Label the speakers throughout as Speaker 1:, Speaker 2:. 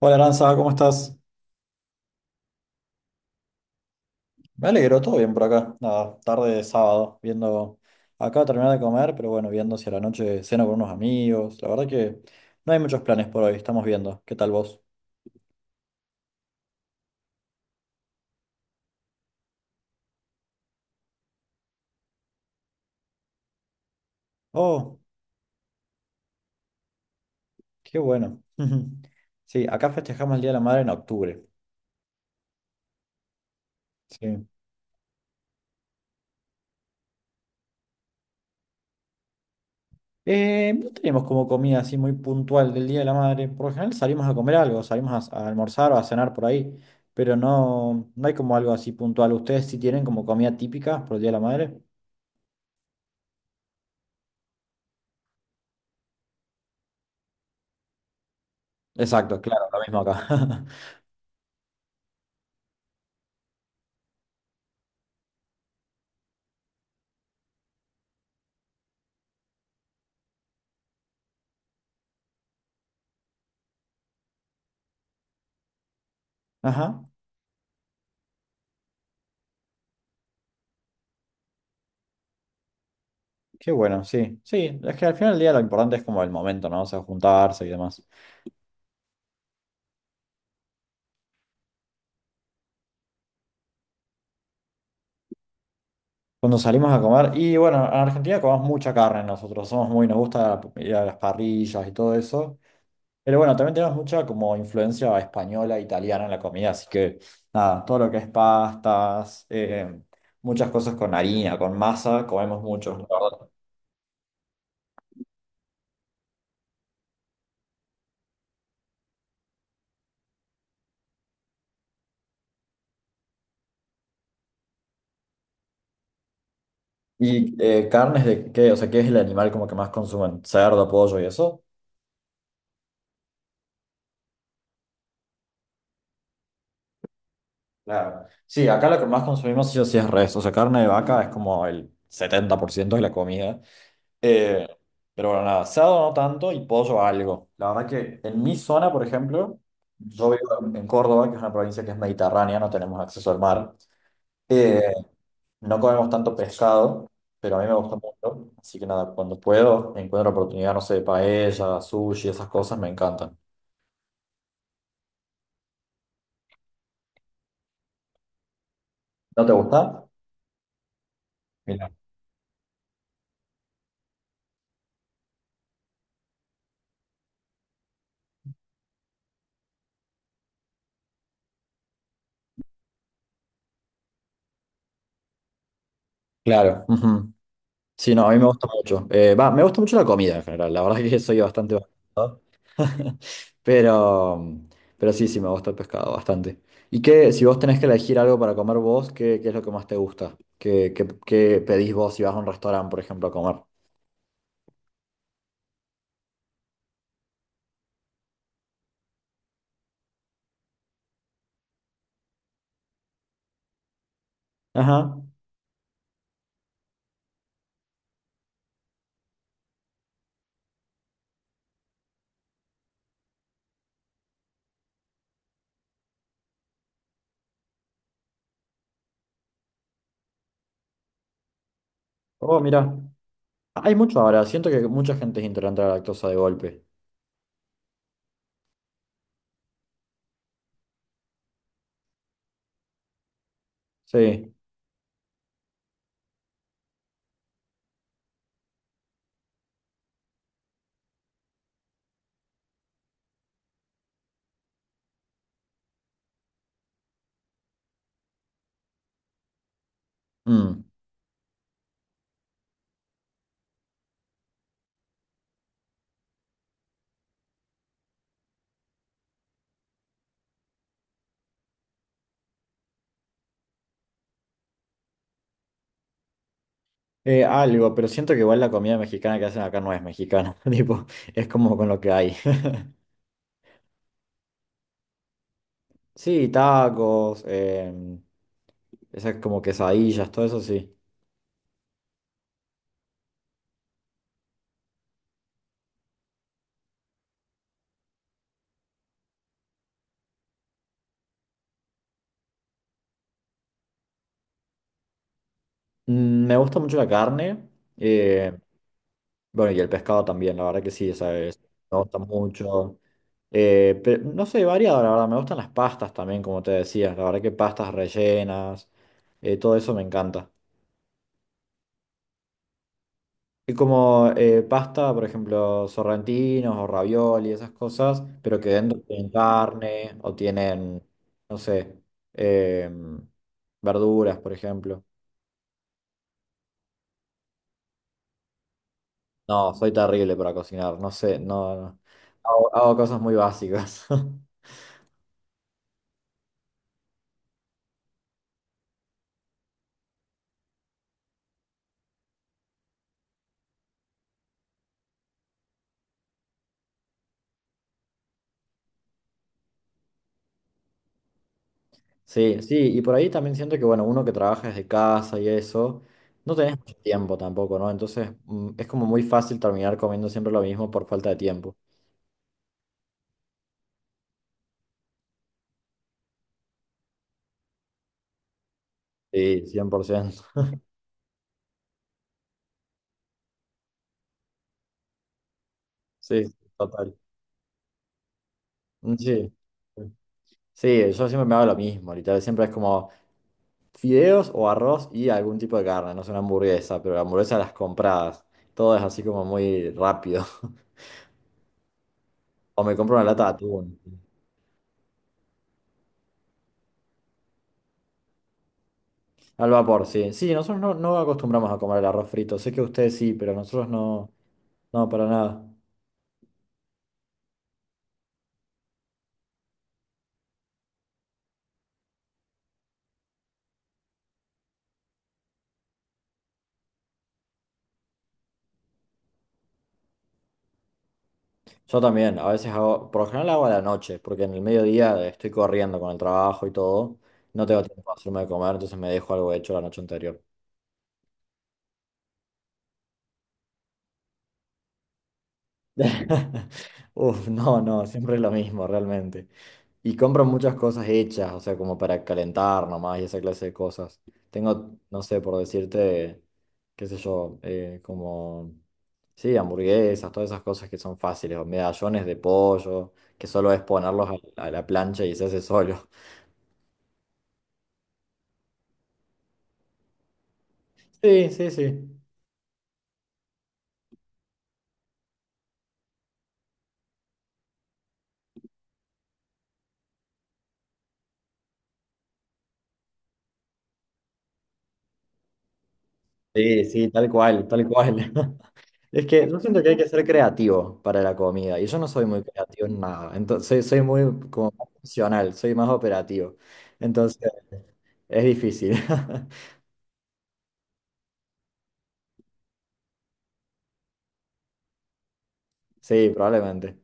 Speaker 1: Hola Aranza, ¿cómo estás? Me alegro, todo bien por acá. Nada, tarde de sábado, viendo. Acabo de terminar de comer, pero bueno, viendo si a la noche ceno con unos amigos. La verdad que no hay muchos planes por hoy, estamos viendo. ¿Qué tal vos? Oh, qué bueno. Sí, acá festejamos el Día de la Madre en octubre. Sí. No tenemos como comida así muy puntual del Día de la Madre. Por lo general salimos a comer algo, salimos a almorzar o a cenar por ahí, pero no, no hay como algo así puntual. ¿Ustedes sí tienen como comida típica por el Día de la Madre? Exacto, claro, lo mismo acá. Ajá, qué bueno, sí. Sí, es que al final del día lo importante es como el momento, ¿no? O sea, juntarse y demás. Cuando salimos a comer, y bueno, en Argentina comemos mucha carne nosotros, somos muy, nos gusta ir a las parrillas y todo eso. Pero bueno, también tenemos mucha como influencia española, italiana en la comida, así que nada, todo lo que es pastas, muchas cosas con harina, con masa, comemos mucho, la verdad. ¿Y carnes de qué? O sea, ¿qué es el animal como que más consumen? ¿Cerdo, pollo y eso? Claro. Sí, acá lo que más consumimos sí o sí es res. O sea, carne de vaca es como el 70% de la comida. Eh, pero bueno, nada, asado no tanto y pollo algo. La verdad que en mi zona, por ejemplo, yo vivo en Córdoba, que es una provincia que es mediterránea, no tenemos acceso al mar. Eh, no comemos tanto pescado, pero a mí me gusta mucho. Así que nada, cuando puedo, encuentro oportunidad, no sé, de paella, sushi, esas cosas me encantan. ¿No te gusta? Mira. Claro. Ujú. Sí, no, a mí me gusta mucho. Va, me gusta mucho la comida en general, la verdad que soy bastante... va- Pero, pero sí, sí, me gusta el pescado bastante. ¿Y qué, si vos tenés que elegir algo para comer vos, qué, qué es lo que más te gusta? ¿Qué, qué pedís vos si vas a un restaurante, por ejemplo, a comer? Ajá. Oh, mira. Hay mucho ahora, siento que mucha gente es intolerante a la lactosa de golpe. Sí. Mm. Algo, pero siento que igual la comida mexicana que hacen acá no es mexicana, tipo, es como con lo que hay. Sí, tacos, esas como quesadillas, todo eso sí. Mm, me gusta mucho la carne, eh, bueno, y el pescado también, la verdad que sí, ¿sabes? Me gusta mucho. Pero no soy variado, la verdad, me gustan las pastas también, como te decía, la verdad que pastas rellenas, todo eso me encanta. Y como pasta, por ejemplo, sorrentinos o ravioli, esas cosas, pero que dentro tienen carne o tienen, no sé, em, verduras, por ejemplo. No, soy terrible para cocinar, no sé, no, no. Hago cosas muy básicas. Sí, sí, y por ahí también siento que, bueno, uno que trabaja desde casa y eso, no tenés mucho tiempo tampoco, ¿no? Entonces, es como muy fácil terminar comiendo siempre lo mismo por falta de tiempo. Sí, 100%. Sí, total. Sí. Sí, yo siempre me hago lo mismo, literal. Siempre es como fideos o arroz y algún tipo de carne. No es una hamburguesa, pero la hamburguesa las compradas. Todo es así como muy rápido. O me compro una lata de atún. Al vapor, sí. Sí, nosotros no, no acostumbramos a comer el arroz frito. Sé que ustedes sí, pero nosotros no. No, para nada. Yo también, a veces hago, por lo general hago a la noche, porque en el mediodía estoy corriendo con el trabajo y todo. No tengo tiempo para hacerme de comer, entonces me dejo algo hecho la noche anterior. Uf, no, no, siempre es lo mismo realmente. Y compro muchas cosas hechas, o sea, como para calentar nomás y esa clase de cosas. Tengo, no sé, por decirte, qué sé yo, como, sí, hamburguesas, todas esas cosas que son fáciles, o medallones de pollo, que solo es ponerlos a la plancha y se hace solo. Sí, sí, sí. Sí, sí, tal cual, tal cual. Es que yo siento que hay que ser creativo para la comida y yo no soy muy creativo en nada, entonces soy, soy muy como más funcional, soy más operativo, entonces es difícil. Sí, probablemente.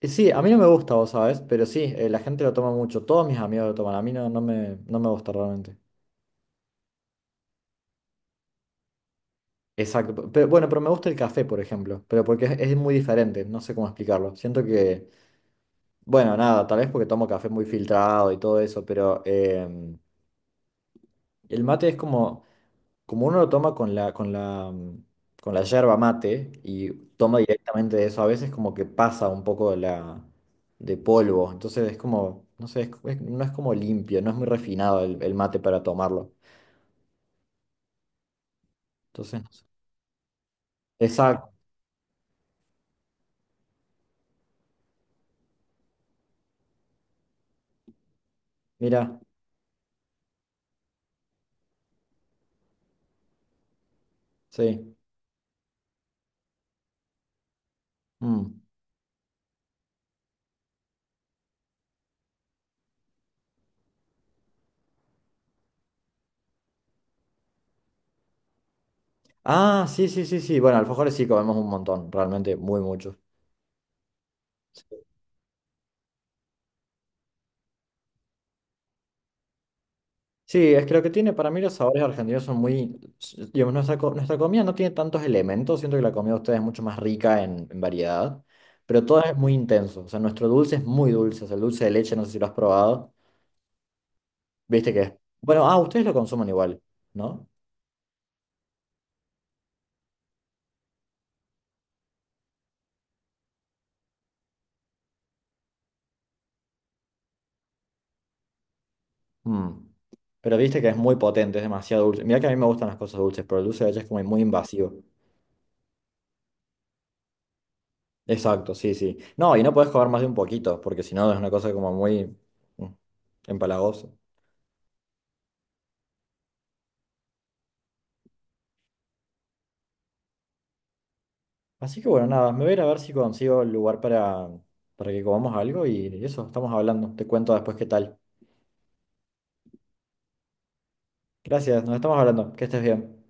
Speaker 1: Y sí, a mí no me gusta, vos sabés, pero sí, la gente lo toma mucho, todos mis amigos lo toman, a mí no, no me, no me gusta realmente. Exacto. Pero, bueno, pero me gusta el café, por ejemplo. Pero porque es muy diferente, no sé cómo explicarlo. Siento que, bueno, nada, tal vez porque tomo café muy filtrado y todo eso, pero el mate es como, como uno lo toma con la, con la, con la yerba mate y toma directamente de eso, a veces como que pasa un poco de la, de polvo. Entonces es como, no sé, no es como limpio, no es muy refinado el mate para tomarlo. Entonces, no sé. Exacto, mira, sí. Mm. Ah, sí, sí, sí, sí. Bueno, alfajores sí comemos un montón, realmente, muy mucho. Sí, es que lo que tiene para mí los sabores argentinos son muy, digamos, nuestra, nuestra comida no tiene tantos elementos, siento que la comida de ustedes es mucho más rica en variedad, pero todo es muy intenso, o sea, nuestro dulce es muy dulce, o sea, el dulce de leche, no sé si lo has probado, viste que es, bueno, ah, ustedes lo consumen igual, ¿no? Mm. Pero viste que es muy potente, es demasiado dulce. Mira que a mí me gustan las cosas dulces, pero el dulce de leche es como muy invasivo. Exacto, sí, sí. No, y no podés comer más de un poquito, porque si no es una cosa como muy mm, empalagosa. Así que bueno, nada, me voy a ir a ver si consigo el lugar para que comamos algo y eso, estamos hablando. Te cuento después qué tal. Gracias, nos estamos hablando. Que estés bien.